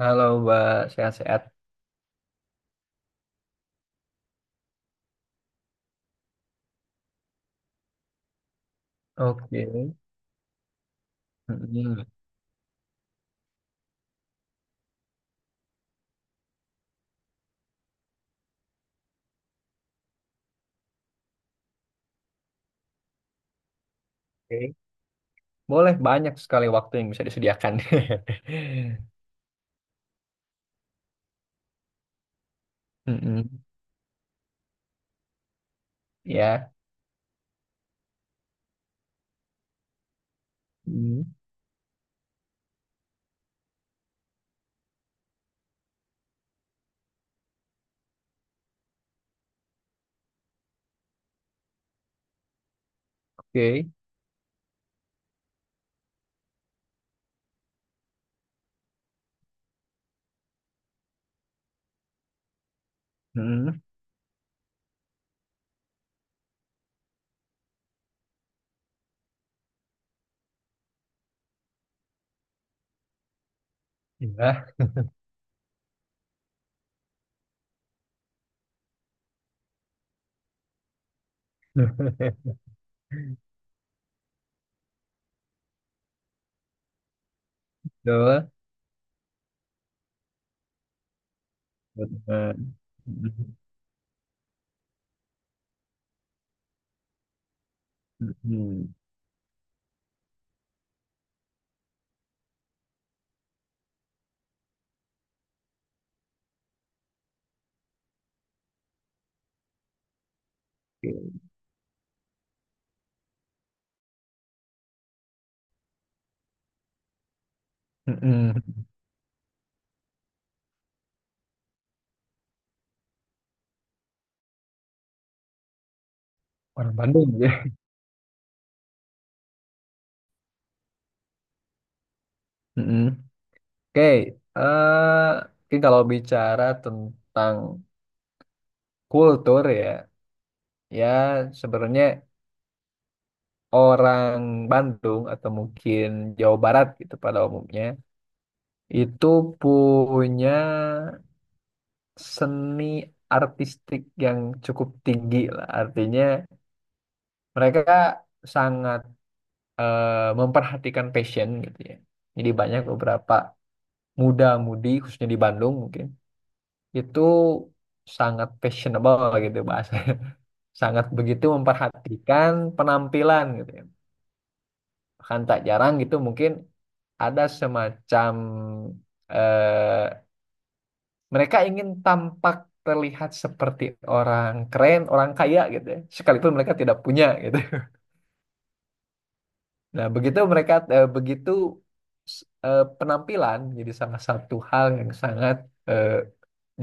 Halo Mbak, sehat-sehat. Oke. Mm-mm. Oke. Boleh banyak sekali waktu yang bisa disediakan. Mm-mm. Ya. Mm. Oke. Mm. Ya. Betul. Betul. Mm-mm. Oke. Mm-mm. Orang Bandung ya. Mm-mm. Oke. eh, Mungkin kalau bicara tentang kultur ya, ya sebenarnya. Orang Bandung atau mungkin Jawa Barat gitu pada umumnya itu punya seni artistik yang cukup tinggi lah. Artinya mereka sangat memperhatikan passion gitu ya. Jadi banyak beberapa muda-mudi khususnya di Bandung mungkin itu sangat fashionable gitu bahasanya. Sangat begitu memperhatikan penampilan gitu ya. Bahkan tak jarang gitu mungkin ada semacam eh, mereka ingin tampak terlihat seperti orang keren, orang kaya gitu ya. Sekalipun mereka tidak punya gitu. Nah, begitu mereka penampilan jadi salah satu hal yang sangat eh,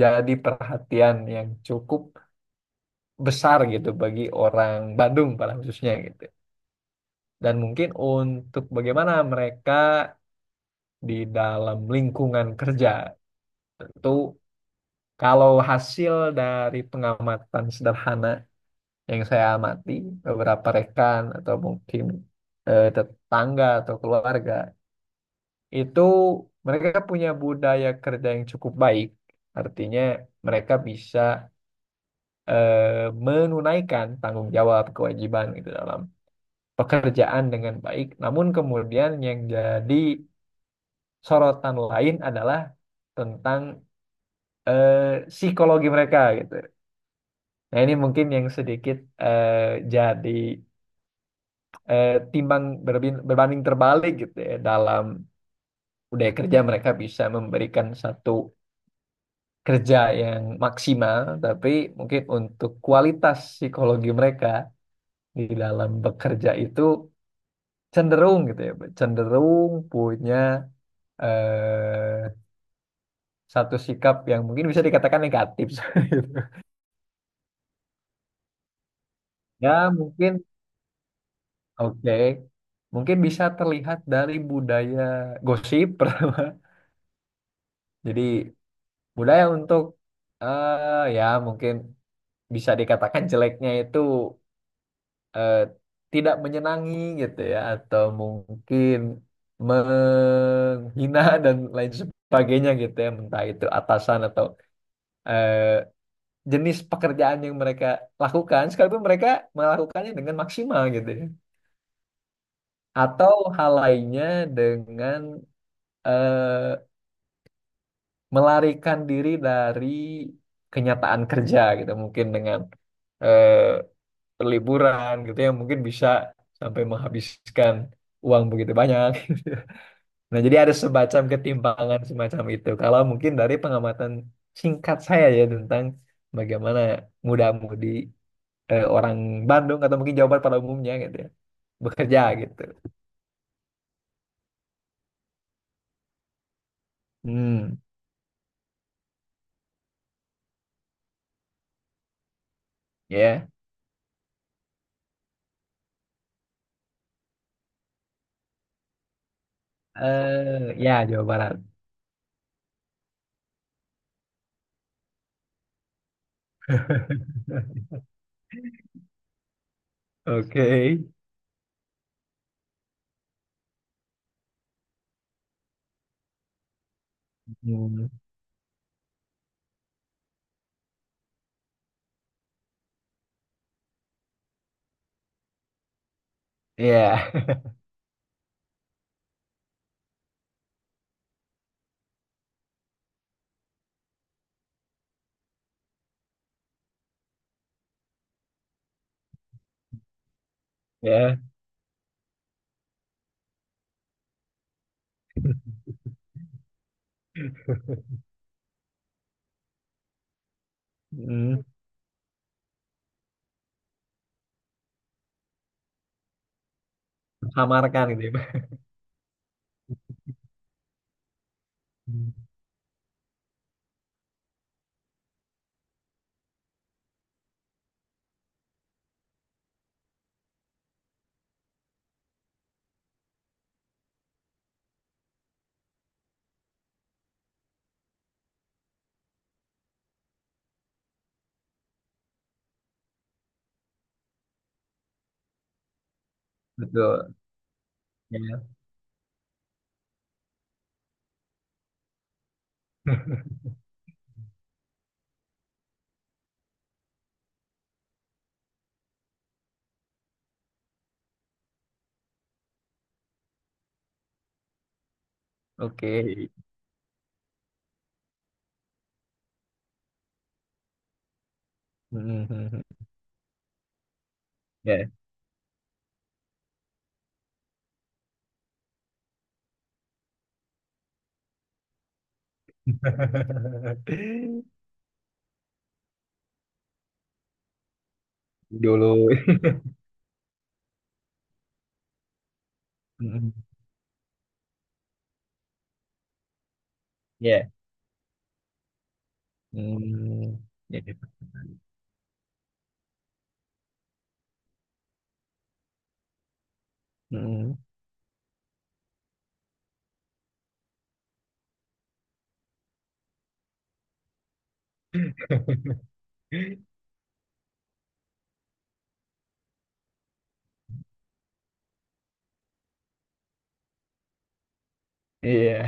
jadi perhatian yang cukup besar gitu bagi orang Bandung pada khususnya gitu. Dan mungkin untuk bagaimana mereka di dalam lingkungan kerja itu. Kalau hasil dari pengamatan sederhana yang saya amati, beberapa rekan atau mungkin tetangga atau keluarga, itu mereka punya budaya kerja yang cukup baik. Artinya mereka bisa menunaikan tanggung jawab kewajiban itu dalam pekerjaan dengan baik. Namun kemudian yang jadi sorotan lain adalah tentang psikologi mereka gitu. Nah, ini mungkin yang sedikit eh, jadi timbang berbanding terbalik gitu ya. Dalam budaya kerja mereka bisa memberikan satu kerja yang maksimal, tapi mungkin untuk kualitas psikologi mereka di dalam bekerja itu cenderung gitu ya, cenderung punya eh, satu sikap yang mungkin bisa dikatakan negatif. gitu. Ya, mungkin oke. Mungkin bisa terlihat dari budaya gosip pertama. Jadi budaya untuk ya mungkin bisa dikatakan jeleknya itu eh, tidak menyenangi gitu ya, atau mungkin menghina dan lain sebagainya gitu ya, entah itu atasan atau eh, jenis pekerjaan yang mereka lakukan sekalipun mereka melakukannya dengan maksimal gitu ya, atau hal lainnya dengan eh, melarikan diri dari kenyataan kerja gitu mungkin dengan eh, perliburan gitu yang mungkin bisa sampai menghabiskan uang begitu banyak. Nah, jadi ada semacam ketimpangan semacam itu. Kalau mungkin dari pengamatan singkat saya ya, tentang bagaimana muda-mudi orang Bandung atau mungkin Jawa Barat pada umumnya gitu ya, bekerja gitu. Hmm, ya. Eh, ya Jawa Barat. Oke. Hmm, ya, ya. Hmm, Samarkan gitu ya. Hmm, betul. Ya. Oke. Mhm. Ya. Dulu. Mhm. Ya. Hmm. Ya. Mhm. Iya.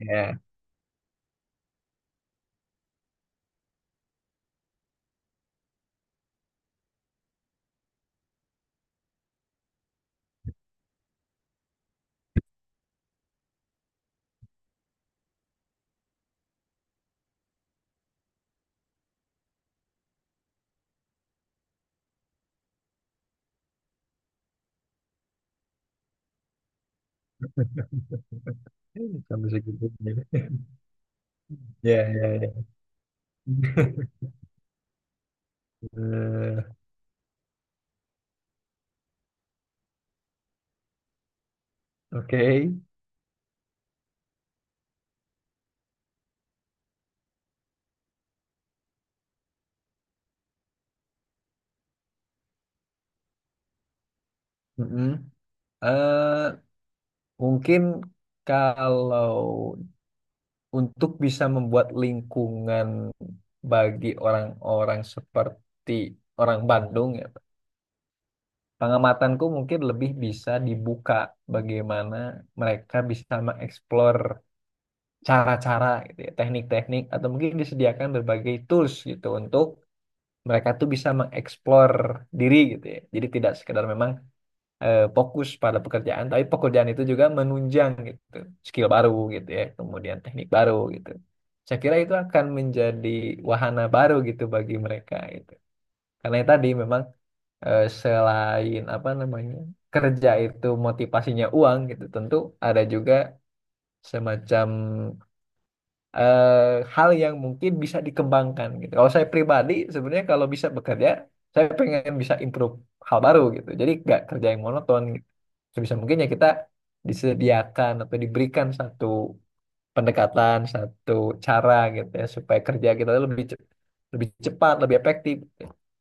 Ya. Sampai segitu. Ya, ya, ya. Eh, Oke. Mhm. Eh, Mungkin kalau untuk bisa membuat lingkungan bagi orang-orang seperti orang Bandung ya, pengamatanku mungkin lebih bisa dibuka bagaimana mereka bisa mengeksplor cara-cara gitu ya, teknik-teknik atau mungkin disediakan berbagai tools gitu untuk mereka tuh bisa mengeksplor diri gitu ya. Jadi tidak sekedar memang fokus pada pekerjaan, tapi pekerjaan itu juga menunjang gitu, skill baru gitu ya, kemudian teknik baru gitu. Saya kira itu akan menjadi wahana baru gitu bagi mereka gitu. Karena tadi memang selain apa namanya kerja itu motivasinya uang gitu tentu ada juga semacam hal yang mungkin bisa dikembangkan gitu. Kalau saya pribadi sebenarnya kalau bisa bekerja saya pengen bisa improve hal baru gitu. Jadi nggak kerja yang monoton gitu. Sebisa mungkin ya kita disediakan atau diberikan satu pendekatan, satu cara gitu ya, supaya kerja kita tuh lebih lebih cepat, lebih efektif.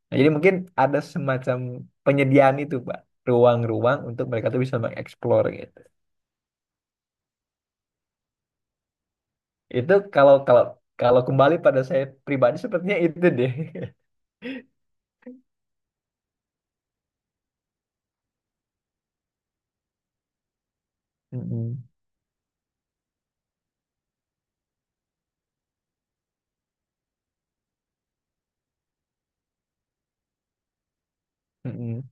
Nah, jadi mungkin ada semacam penyediaan itu, Pak, ruang-ruang untuk mereka tuh bisa mengeksplor gitu. Itu kalau kalau kalau kembali pada saya pribadi sepertinya itu deh. Mm-mm. Mm-mm.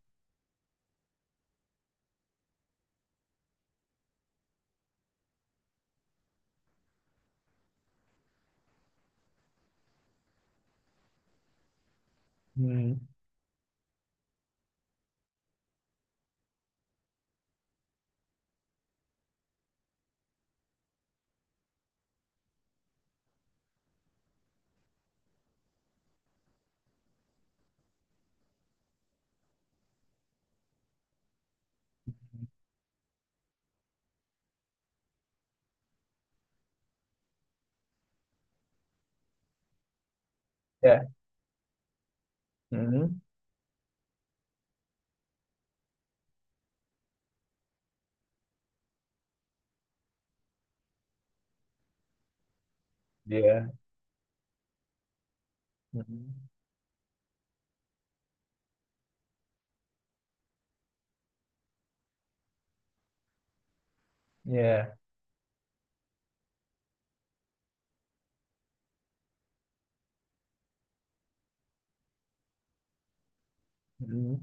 Mm. Ya. Mm. Ya. Mm. Ya. Mm.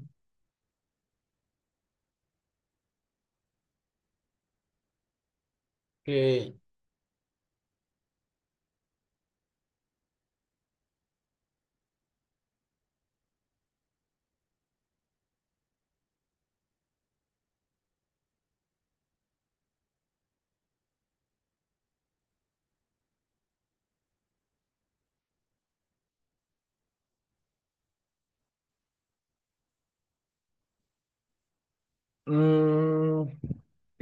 Oke. Hmm,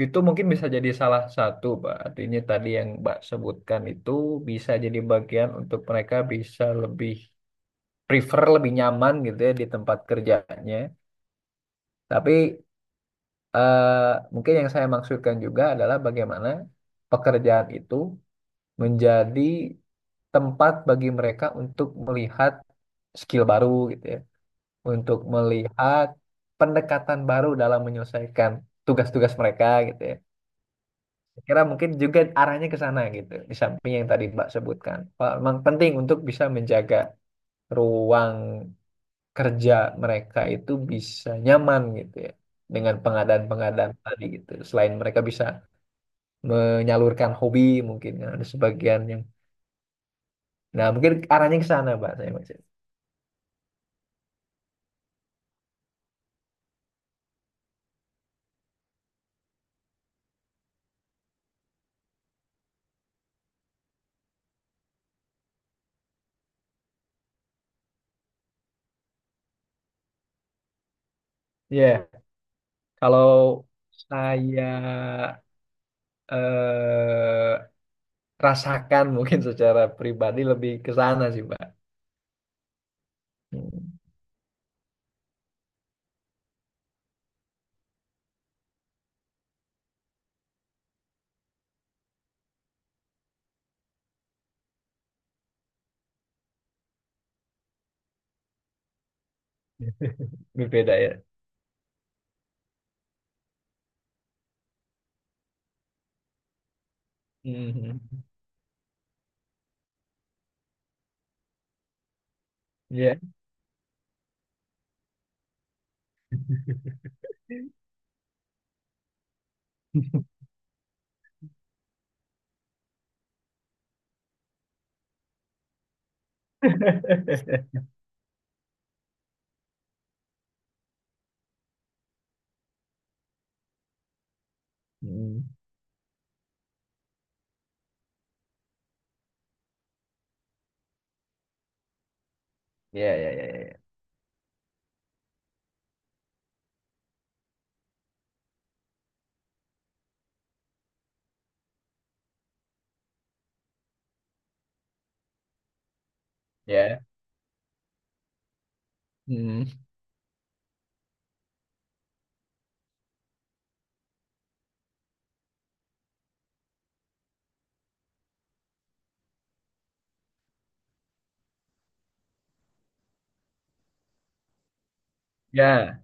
Itu mungkin bisa jadi salah satu, Pak. Artinya tadi yang Mbak sebutkan itu bisa jadi bagian untuk mereka bisa lebih prefer, lebih nyaman gitu ya di tempat kerjanya. Tapi mungkin yang saya maksudkan juga adalah bagaimana pekerjaan itu menjadi tempat bagi mereka untuk melihat skill baru gitu ya, untuk melihat pendekatan baru dalam menyelesaikan tugas-tugas mereka gitu ya. Kira mungkin juga arahnya ke sana gitu, di samping yang tadi Mbak sebutkan. Wah, memang penting untuk bisa menjaga ruang kerja mereka itu bisa nyaman gitu ya, dengan pengadaan-pengadaan tadi gitu, selain mereka bisa menyalurkan hobi mungkin ya, ada sebagian yang nah mungkin arahnya ke sana Mbak saya maksud. Ya kalau saya eh, rasakan mungkin secara pribadi lebih ke sana sih Mbak. Hmm, Lebih beda ya. Mhm. Ya. Hmm. Ya, ya, ya, ya. Ya. Ya. Hmm. Ya.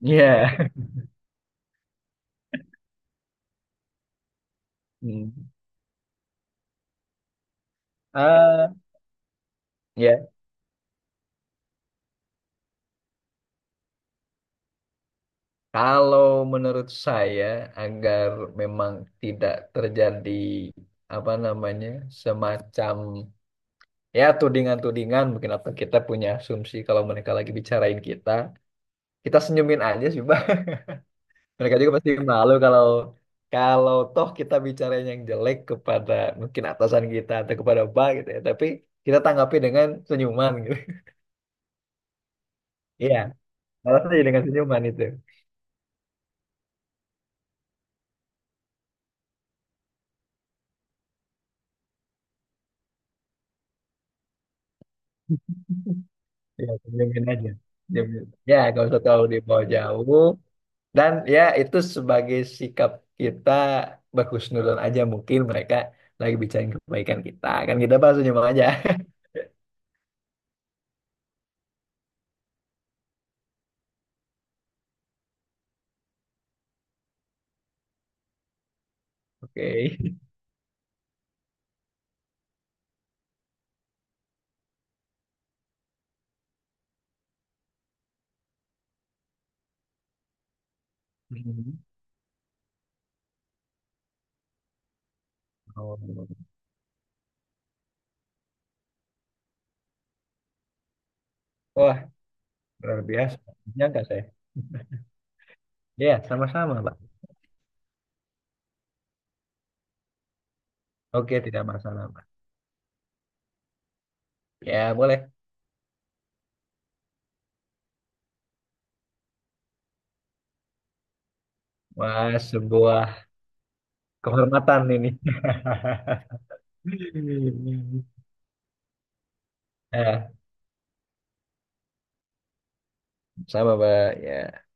Ya. Hmm. Ah, ya. Kalau menurut saya agar memang tidak terjadi apa namanya semacam ya tudingan-tudingan mungkin, atau kita punya asumsi kalau mereka lagi bicarain kita, kita senyumin aja sih, Bang. Mereka juga pasti malu kalau kalau toh kita bicara yang jelek kepada mungkin atasan kita atau kepada Pak gitu ya, tapi kita tanggapi dengan senyuman gitu. Iya, balas aja dengan senyuman itu. Iya, senyumin aja. Senyumin. Ya, nggak usah terlalu dibawa jauh. Dan ya itu sebagai sikap kita, berhusnuzon aja mungkin mereka lagi bicarain kebaikan kita. Kan kita bahas senyum aja. Oke. Mhm. Oh. Wah, luar biasa. Nyangka saya. Ya sama-sama, Pak. Oke, tidak masalah, Mas. Ya, boleh. Wah, sebuah kehormatan ini. Eh, sama, Mbak. Ya.